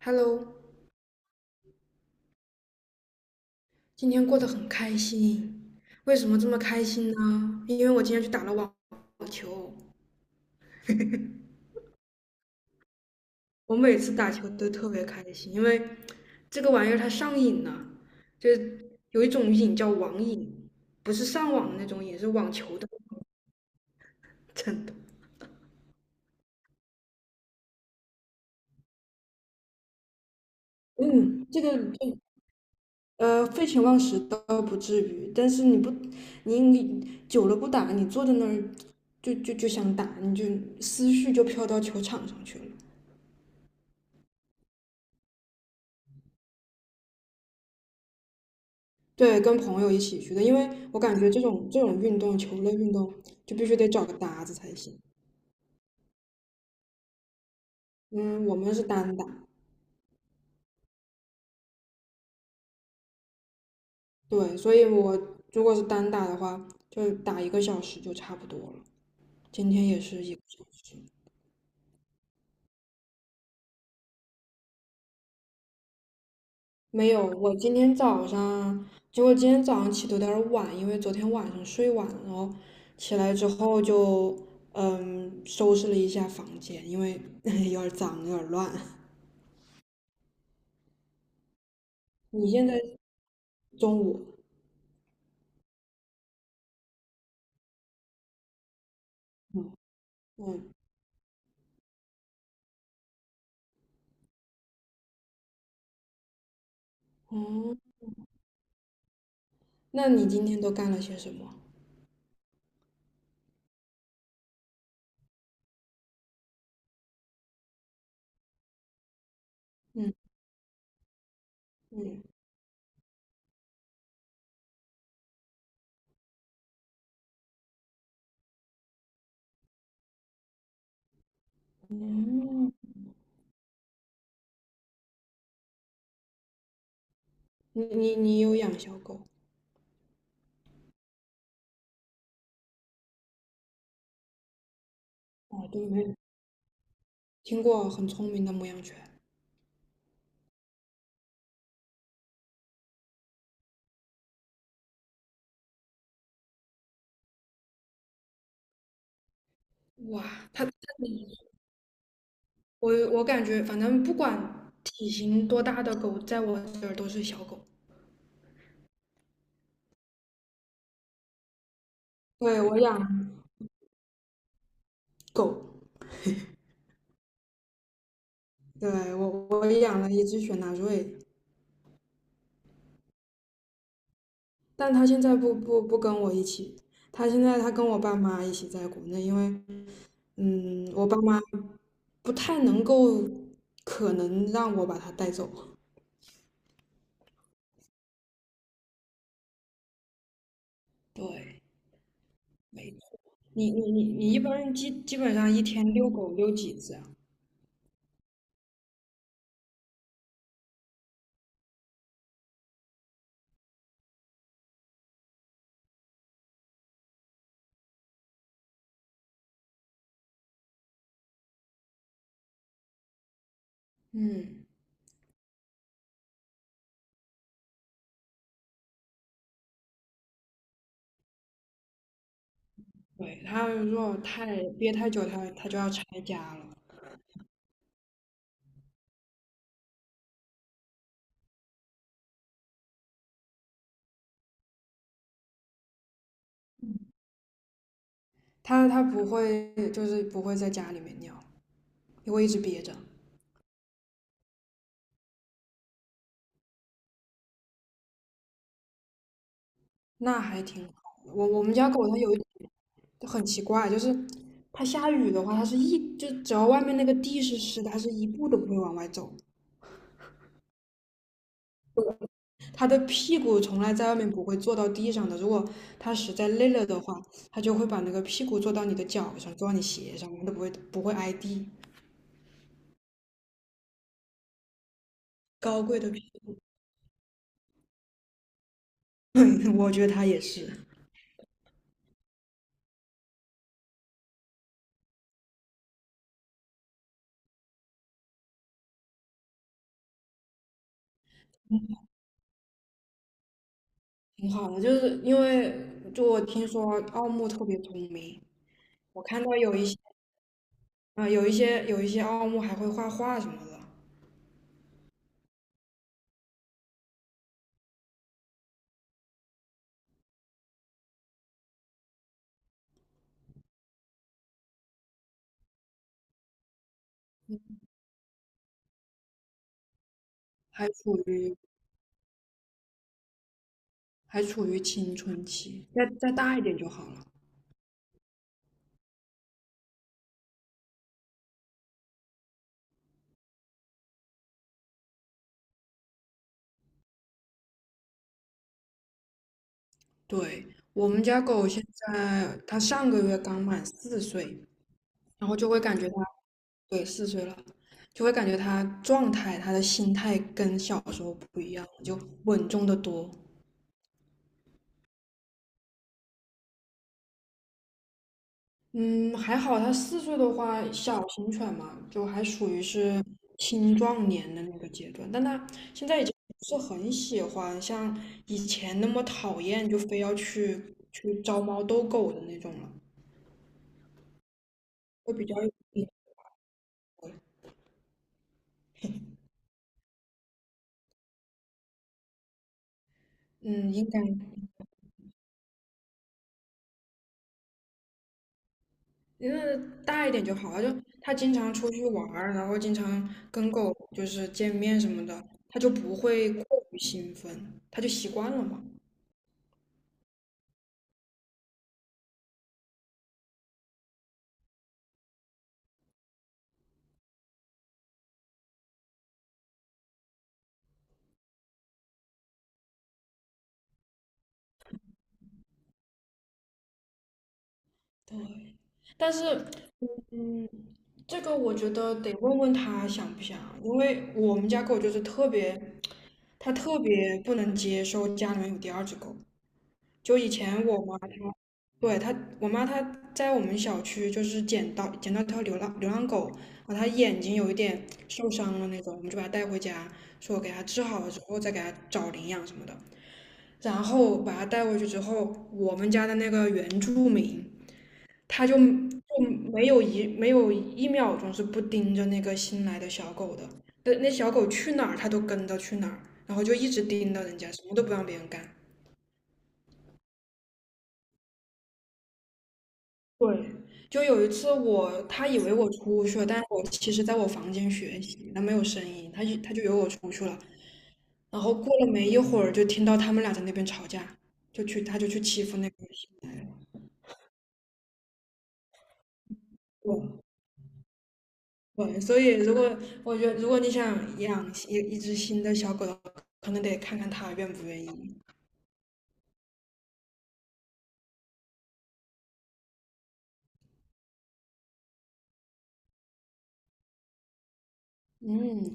Hello，今天过得很开心。为什么这么开心呢？因为我今天去打了网球。我每次打球都特别开心，因为这个玩意儿它上瘾呢，就是有一种瘾叫网瘾，不是上网的那种瘾，是网球的。真的？嗯，这个就废寝忘食倒不至于，但是你久了不打，你坐在那儿就想打，你就思绪就飘到球场上去了。对，跟朋友一起去的，因为我感觉这种运动，球类运动就必须得找个搭子才行。嗯，我们是单打。对，所以我如果是单打的话，就打一个小时就差不多了。今天也是一个小时。没有，我今天早上，结果今天早上起的有点儿晚，因为昨天晚上睡晚了哦，然后起来之后就收拾了一下房间，因为 有点儿脏，有点儿乱。你现在中午。嗯嗯哦。那你今天都干了些什么？嗯嗯嗯，你有养小狗？哦，对，没有听过很聪明的牧羊犬。哇，它，它我感觉反正不管体型多大的狗，在我这儿都是小狗。对，我养狗。对，我养了一只雪纳瑞，但它现在不跟我一起，它现在它跟我爸妈一起在国内，因为我爸妈不太能够，可能让我把它带走。对。没错。你一般人基本上一天遛狗遛几次啊？嗯，对，它如果太憋太久，它就要拆家了。它不会，就是不会在家里面尿，因为一直憋着。那还挺好的。我们家狗它很奇怪，就是它下雨的话，它是一就只要外面那个地是湿的，它是一步都不会往外走。它的屁股从来在外面不会坐到地上的。如果它实在累了的话，它就会把那个屁股坐到你的脚上，坐到你鞋上，它都不会挨地。高贵的屁股。 我觉得它也是挺好的，就是因为就我听说奥牧特别聪明，我看到有一些啊、呃有一些有一些奥牧还会画画什么的。还处于还处于青春期，再大一点就好了。对，我们家狗现在它上个月刚满四岁，然后就会感觉他。对，四岁了，就会感觉他状态、他的心态跟小时候不一样，就稳重的多。嗯，还好他四岁的话，小型犬嘛，就还属于是青壮年的那个阶段，但他现在已经不是很喜欢像以前那么讨厌，就非要去招猫逗狗的那种了，会比较有。嗯，应该。因为大一点就好了，就他经常出去玩儿，然后经常跟狗就是见面什么的，他就不会过于兴奋，他就习惯了嘛。对，但是，嗯，这个我觉得得问问他想不想，因为我们家狗就是特别，它特别不能接受家里面有第二只狗。就以前我妈。对，他，我妈她在我们小区就是捡到条流浪狗，然后它眼睛有一点受伤了那种，我们就把它带回家，说给它治好了之后再给它找领养什么的。然后把它带回去之后，我们家的那个原住民他就没有一秒钟是不盯着那个新来的小狗的，那小狗去哪儿他都跟着去哪儿，然后就一直盯着人家，什么都不让别人干。对，就有一次我，他以为我出去了，但是我其实在我房间学习，他没有声音，他就以为我出去了。然后过了没一会儿，就听到他们俩在那边吵架，他就去欺负那个新的。对对，所以如果我觉得如果你想养一只新的小狗的话，可能得看看它愿不愿意。嗯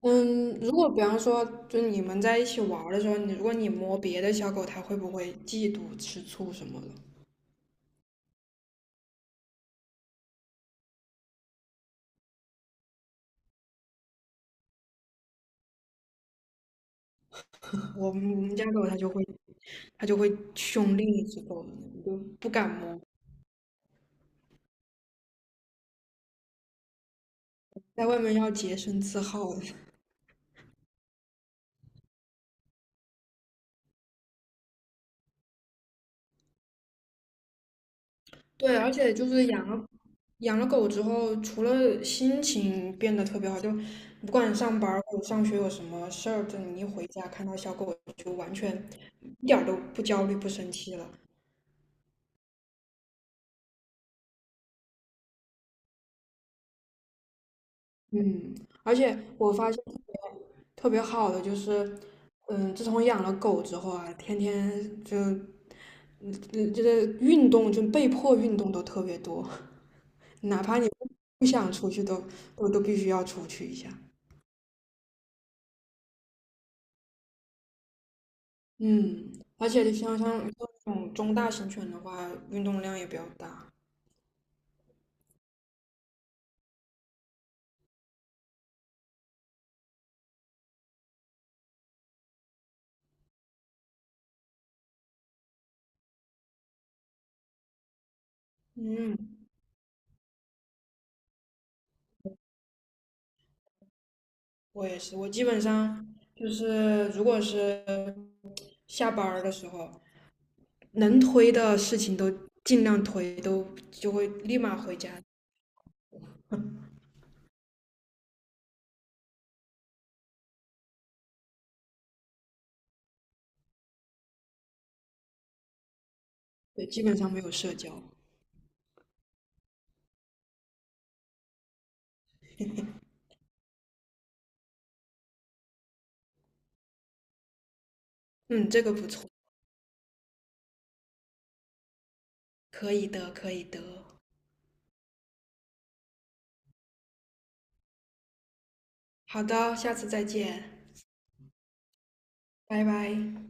嗯，如果比方说，就你们在一起玩儿的时候，如果你摸别的小狗，它会不会嫉妒、吃醋什么的？我们家狗它就会。它就会去凶另一只狗的，你就不敢摸。在外面要洁身自好的。对，而且就是养了狗之后，除了心情变得特别好，就不管上班儿或者上学有什么事儿，就你一回家看到小狗，就完全一点儿都不焦虑、不生气了。嗯，而且我发现特别特别好的就是，嗯，自从养了狗之后啊，天天就嗯，嗯就是运动，就被迫运动都特别多。哪怕你不想出去都都必须要出去一下。嗯，而且像这种中大型犬的话，运动量也比较大。嗯，我也是，我基本上就是如果是下班儿的时候，能推的事情都尽量推，就会立马回家。对，基本上没有社交。嗯，这个不错，可以的，可以的。好的，下次再见，拜拜。